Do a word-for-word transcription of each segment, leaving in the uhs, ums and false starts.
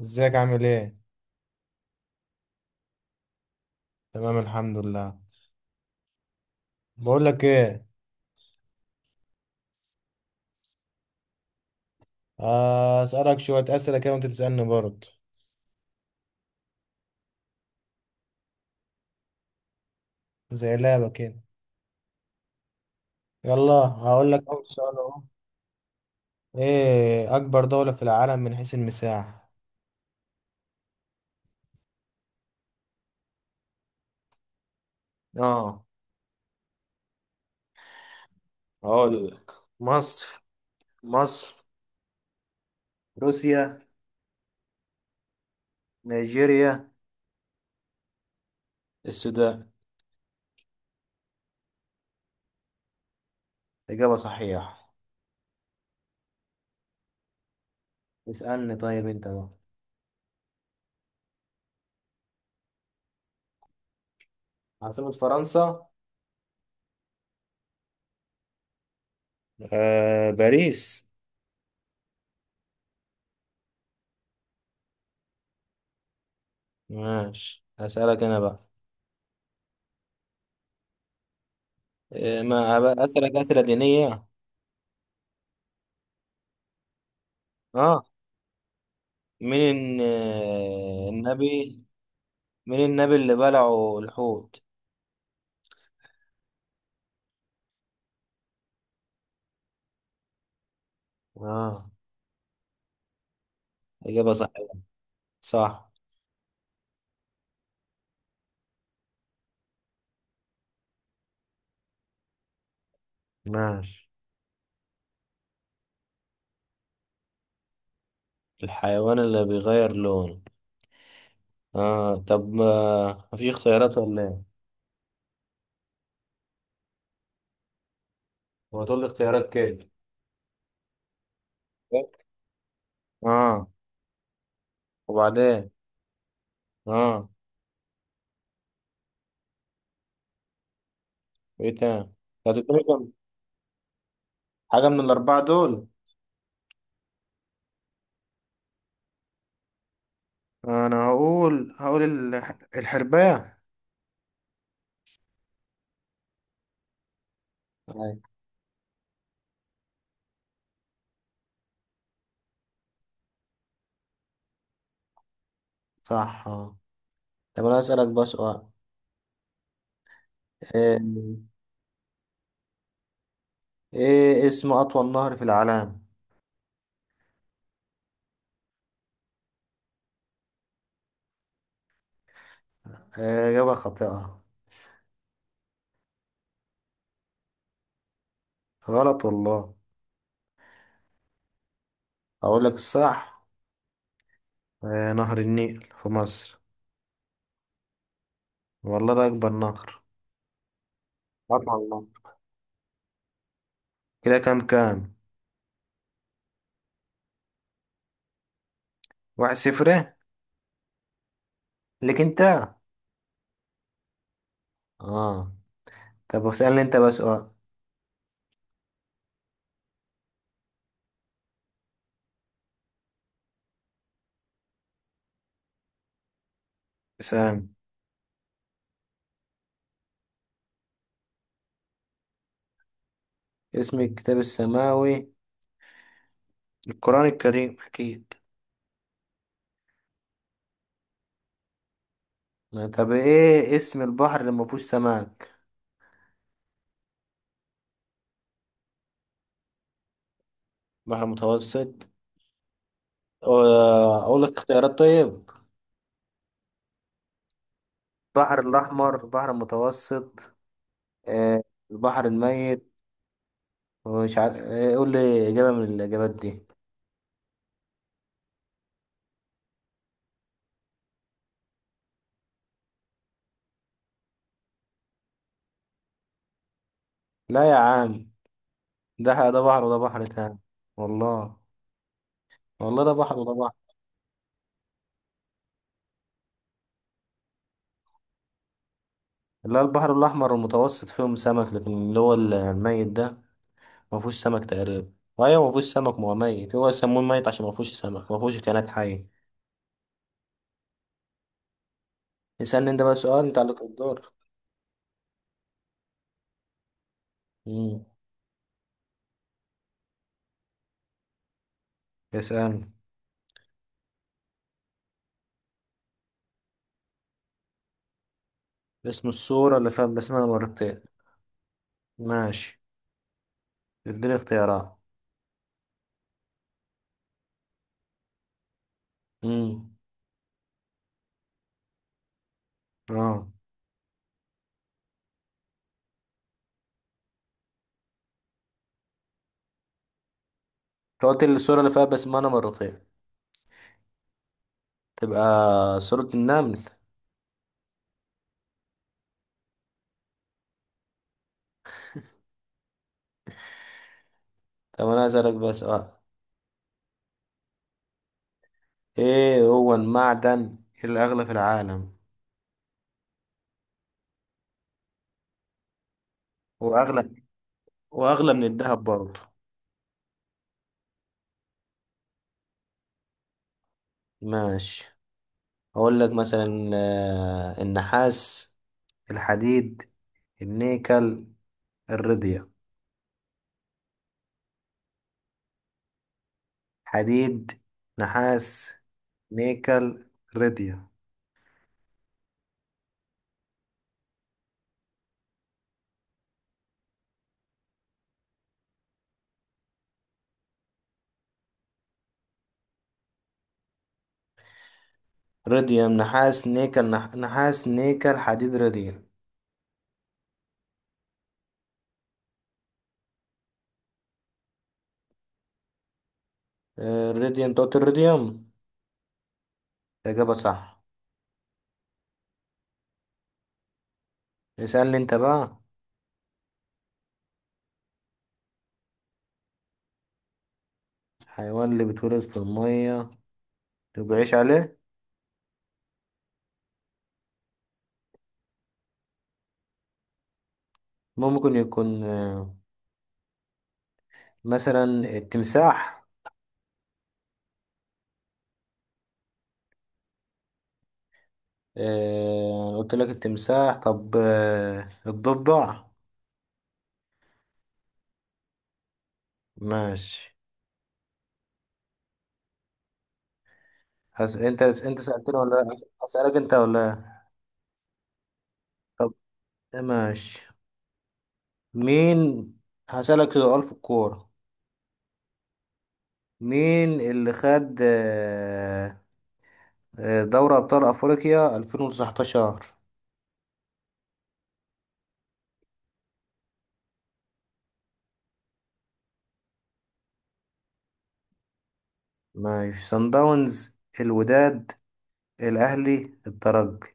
ازيك عامل ايه؟ تمام الحمد لله. بقول لك ايه، آه، اسالك شويه اسئله كده وانت تسالني برضه. زي لعبه كده. يلا هقول لك اول سؤال اهو. ايه اكبر دوله في العالم من حيث المساحه؟ اه هقول لك. مصر، مصر، روسيا، نيجيريا، السودان. إجابة صحيحة. اسألني طيب أنت بقى. عاصمة فرنسا؟ آه باريس. ماشي هسألك أنا بقى. إيه ما هبقى أسألك أسئلة دينية. اه. مين الن- النبي، مين النبي اللي بلعه الحوت؟ اه، إجابة صحيحة. صح. ماشي. الحيوان اللي بيغير لونه؟ اه طب ما مفيش اختيارات ولا ايه؟ هو تقول لي اختيارات كده. اه، وبعدين؟ اه، ايه تاني؟ هتديني كم حاجة من الأربعة دول؟ انا هقول، هقول الح- الحرباية. أيوة. صح اه. طب أنا أسألك بقى سؤال. ايه، إيه اسم أطول نهر في العالم؟ آه، إجابة خاطئة. غلط والله. أقول لك الصح. آه، نهر النيل في مصر. والله ده أكبر نهر، أطول والله. كده كام كام؟ واحد صفر إيه؟ ليك أنت؟ آه. طب اسألني أنت بقى سؤال. اسأل. اسم الكتاب السماوي؟ القرآن الكريم أكيد. ما طب إيه اسم البحر اللي ما فيهوش سمك؟ بحر متوسط؟ آه، أقول لك اختيارات طيب. البحر الأحمر، البحر المتوسط، آه، البحر الميت، مش عارف إيه، قول لي إجابة من الإجابات دي. لا يا عم، ده ده بحر وده بحر تاني. والله. والله ده بحر وده بحر. لا البحر الأحمر المتوسط فيهم سمك لكن اللي هو ال- الميت ده ما فيهوش سمك تقريبا، وأيوه ما فيهوش سمك، ما هو ميت، هو يسموه ميت عشان ما فيهوش سمك، ما فيهوش كائنات حية. اسألني أنت بقى سؤال، أنت عليك الدور. امم اسألني. اسم الصورة اللي فيها بسمة مرتين؟ ماشي اديني اختيارات. امم اه، أنت قلت لي الصورة اللي فيها بسمة مرتين، تبقى صورة النمل. طب أنا عايز أسألك بقى سؤال. إيه هو المعدن الأغلى في العالم؟ وأغلى، وأغلى من الذهب برضه. ماشي أقول لك مثلا، آه، النحاس، الحديد، النيكل، الرديا. حديد، نحاس، نيكل، رديا. رديوم، نحاس، نيكل، نح... نحاس، نيكل، حديد، رديوم. آه، الرديوم، أنت قلت الرديوم. الإجابة صح. اسألني أنت بقى. حيوان اللي بيتولد في المية وبيعيش عليه؟ ممكن يكون آه، مثلا التمساح. آه، أنا قلت لك التمساح، طب آه، الضفدع. ماشي. هس... انت انت سألتني ولا لأ؟ هسألك انت ولا لأ؟ طب ماشي. مين، هسألك سؤال في الكورة. مين اللي خد آه، آه، دوري أبطال أفريقيا ألفين وتسعطاشر؟ ماشي، صن داونز، الوداد، الأهلي، الترجي.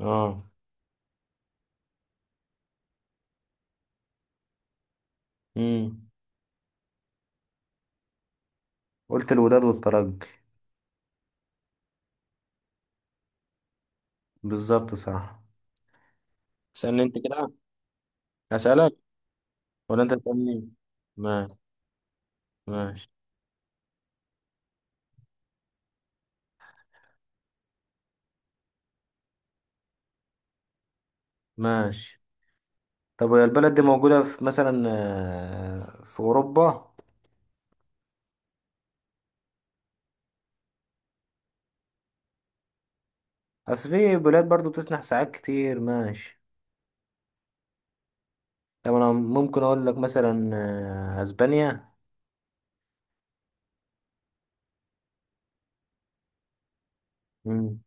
اه، امم، قلت الوداد والترجي. بالظبط صراحة. اسألني انت كده. اسألك ولا انت تسألني؟ ماشي، ماشي، ماشي. طب هي البلد دي موجودة في مثلا آه، في أوروبا؟ أصل في بلاد برضو بتسنح ساعات كتير، ماشي. طب أنا ممكن أقول لك مثلا آه، أسبانيا. امم،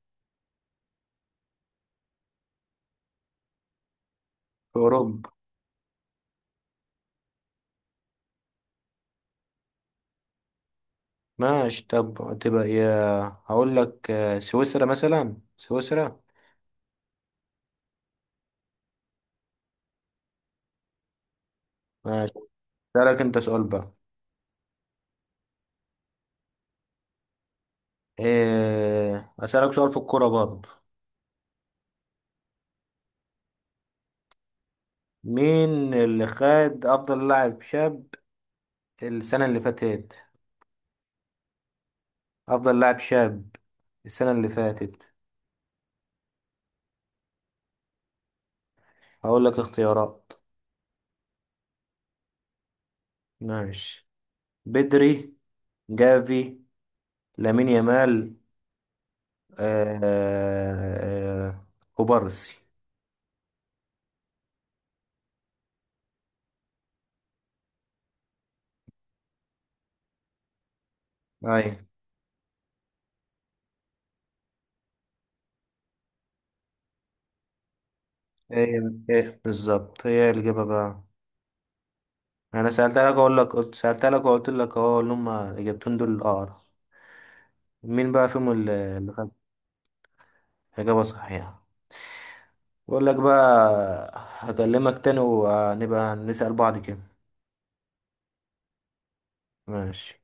في أوروبا، ماشي. طب تبقى يا، هقول لك آه، سويسرا، مثلا سويسرا. ماشي. أسألك أنت سؤال بقى. إيه، أسألك سؤال في الكورة برضو. مين اللي خد أفضل لاعب شاب السنة اللي فاتت؟ أفضل لاعب شاب السنة اللي فاتت. هقول لك اختيارات. ماشي، بدري، جافي، لامين يامال، آه آه، كوبارسي. أي، هي إيه بالظبط هي الإجابة بقى؟ أنا سألتها لك، أقول لك، قلت سألتها لك وقلت لك أهو اللي هما إجابتين دول الأقرب، مين بقى فيهم اللي؟ إجابة صحيحة. بقول لك بقى، هكلمك تاني وهنبقى نسأل بعض كده. ماشي.